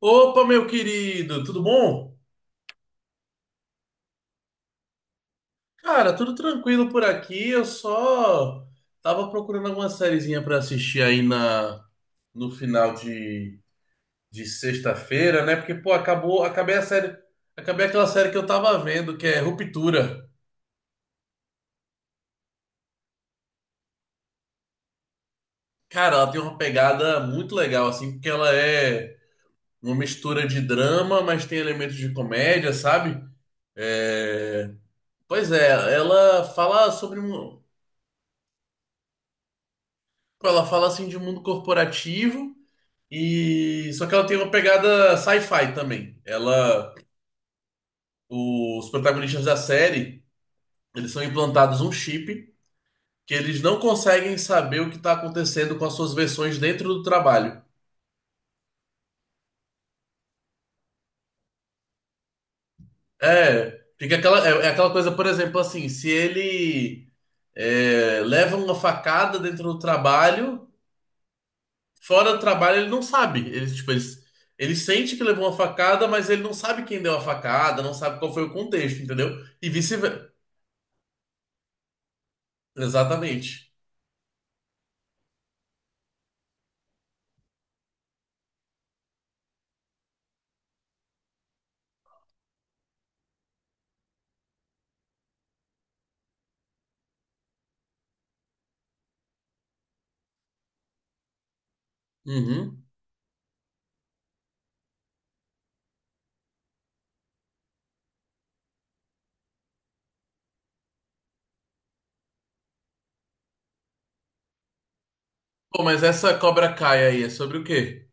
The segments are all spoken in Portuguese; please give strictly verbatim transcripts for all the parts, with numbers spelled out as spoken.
Opa, meu querido, tudo bom? Cara, tudo tranquilo por aqui. Eu só tava procurando alguma sériezinha pra assistir aí na no final de, de sexta-feira, né? Porque pô, acabou, acabei a série, acabei aquela série que eu tava vendo, que é Ruptura. Cara, ela tem uma pegada muito legal assim, porque ela é uma mistura de drama, mas tem elementos de comédia, sabe? É... Pois é, ela fala sobre um- ela fala assim de mundo corporativo. E só que ela tem uma pegada sci-fi também. Ela, os protagonistas da série, eles são implantados um chip que eles não conseguem saber o que está acontecendo com as suas versões dentro do trabalho. É, fica aquela, é, é aquela coisa, por exemplo, assim, se ele é, leva uma facada dentro do trabalho, fora do trabalho ele não sabe. Ele, tipo, ele, ele sente que levou uma facada, mas ele não sabe quem deu a facada, não sabe qual foi o contexto, entendeu? E vice-versa. Exatamente. Uhum. Pô, mas essa Cobra Kai aí é sobre o quê?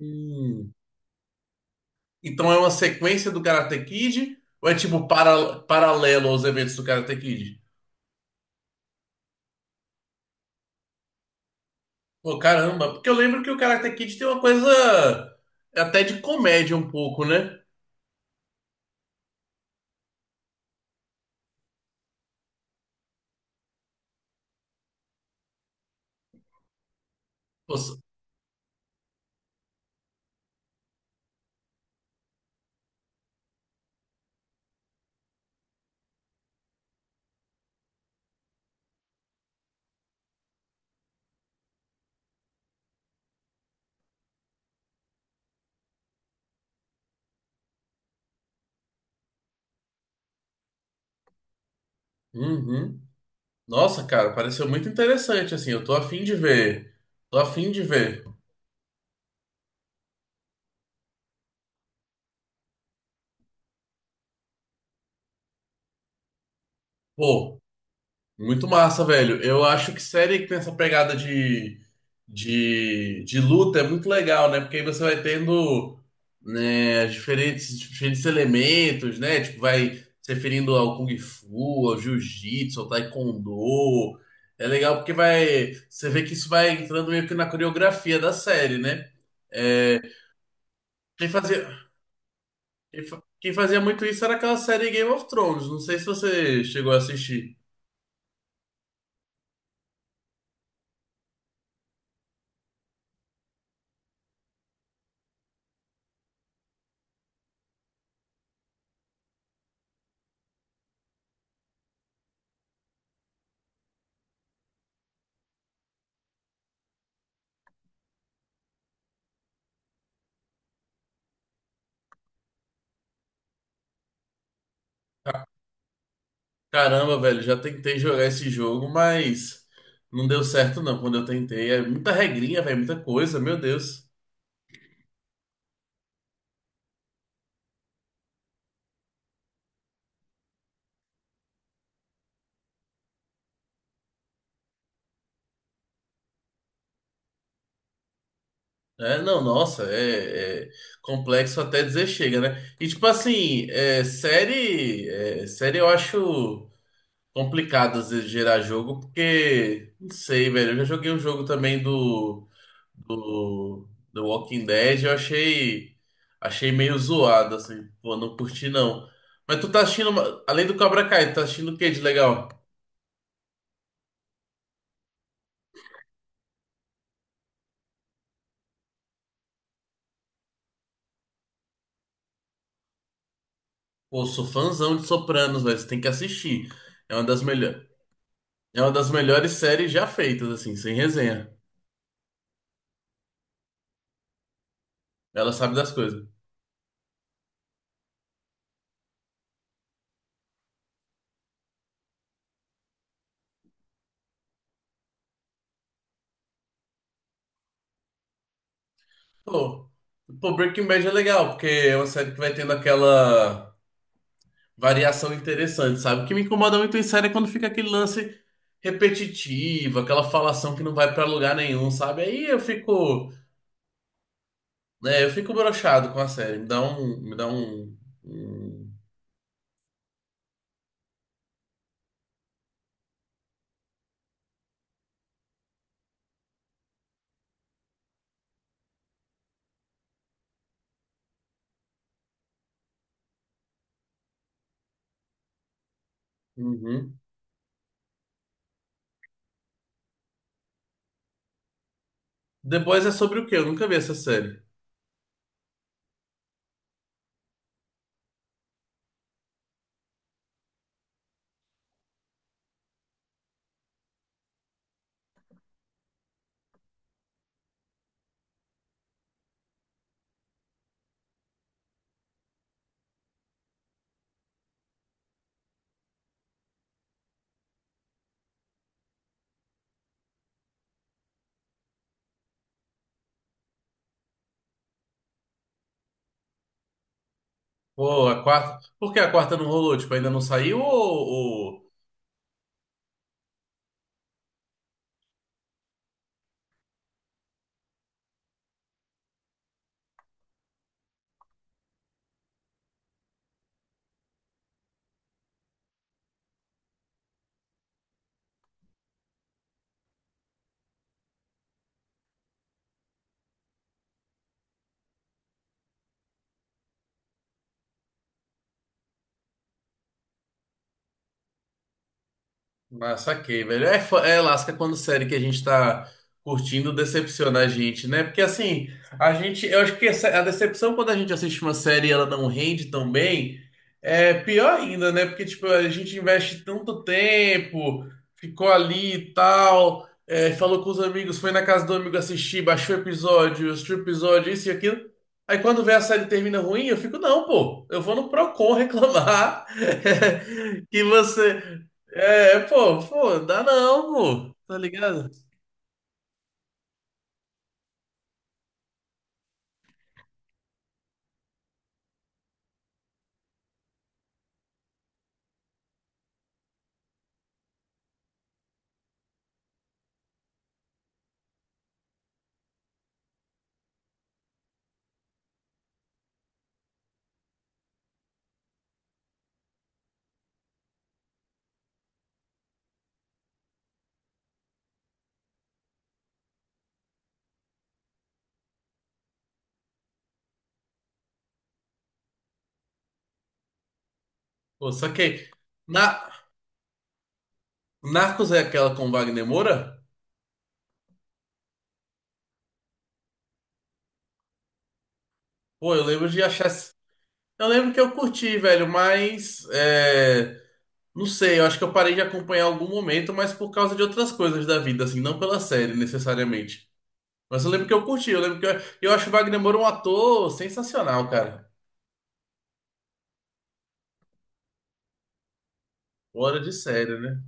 Hum. Então é uma sequência do Karate Kid ou é tipo para- paralelo aos eventos do Karate Kid? Pô, caramba, porque eu lembro que o Karate Kid tem uma coisa até de comédia um pouco, né? Pô, se- Uhum. Nossa, cara, pareceu muito interessante assim. Eu tô afim de ver. Tô afim de ver. Pô. Muito massa, velho. Eu acho que série que tem essa pegada de, de, de luta é muito legal, né? Porque aí você vai tendo, né, diferentes, diferentes elementos, né? Tipo, vai se referindo ao Kung Fu, ao Jiu-Jitsu, ao Taekwondo. É legal porque vai. Você vê que isso vai entrando meio que na coreografia da série, né? É, quem fazia, quem fa- quem fazia muito isso era aquela série Game of Thrones. Não sei se você chegou a assistir. Caramba, velho, já tentei jogar esse jogo, mas não deu certo não quando eu tentei. É muita regrinha, velho, muita coisa, meu Deus. É, não, nossa, é, é complexo até dizer chega, né? E tipo assim, é, série, é, série eu acho. Complicado às vezes gerar jogo, porque, não sei, velho. Eu já joguei um jogo também do, do, do Walking Dead, eu achei, achei meio zoado, assim. Pô, não curti não. Mas tu tá assistindo, uma- além do Cobra Kai, tu tá assistindo o que de legal? Pô, eu sou fãzão de Sopranos, velho. Você tem que assistir. É uma das melhores, é uma das melhores séries já feitas, assim, sem resenha. Ela sabe das coisas. Pô, pô, Breaking Bad é legal, porque é uma série que vai tendo aquela variação interessante, sabe? O que me incomoda muito em série é quando fica aquele lance repetitivo, aquela falação que não vai pra lugar nenhum, sabe? Aí eu fico, né, eu fico broxado com a série, me dá um, me dá um, um- um, uhum. The Boys é sobre o quê? Eu nunca vi essa série. Pô, a quarta, por que a quarta não rolou? Tipo, ainda não saiu ou... Ah, saquei, velho. É, fo- é lasca quando série que a gente tá curtindo decepciona a gente, né? Porque assim, a gente, eu acho que essa- a decepção quando a gente assiste uma série e ela não rende tão bem, é pior ainda, né? Porque tipo, a gente investe tanto tempo, ficou ali e tal, é, falou com os amigos, foi na casa do amigo assistir, baixou o episódio, assistiu o episódio, isso e aquilo. Aí quando vê a série termina ruim, eu fico, não, pô, eu vou no Procon reclamar que você. É, pô, pô, dá não, pô, tá ligado? Pô, só que na, Narcos é aquela com Wagner Moura? Pô, eu lembro de achar. Eu lembro que eu curti, velho, mas é, não sei, eu acho que eu parei de acompanhar em algum momento, mas por causa de outras coisas da vida, assim, não pela série necessariamente. Mas eu lembro que eu curti, eu lembro que eu, eu acho o Wagner Moura um ator sensacional, cara. Fora de série, né?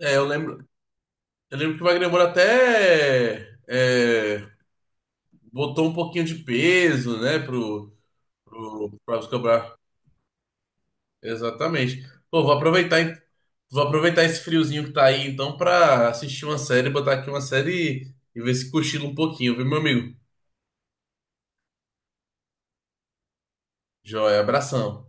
É, eu lembro, eu lembro que o Wagner Moura até é, botou um pouquinho de peso, né, pro, pro, pro Escobar. Exatamente. Pô, vou aproveitar, hein? Vou aproveitar esse friozinho que tá aí, então, pra assistir uma série, botar aqui uma série e ver se cochila um pouquinho, viu, meu amigo? Joia, abração.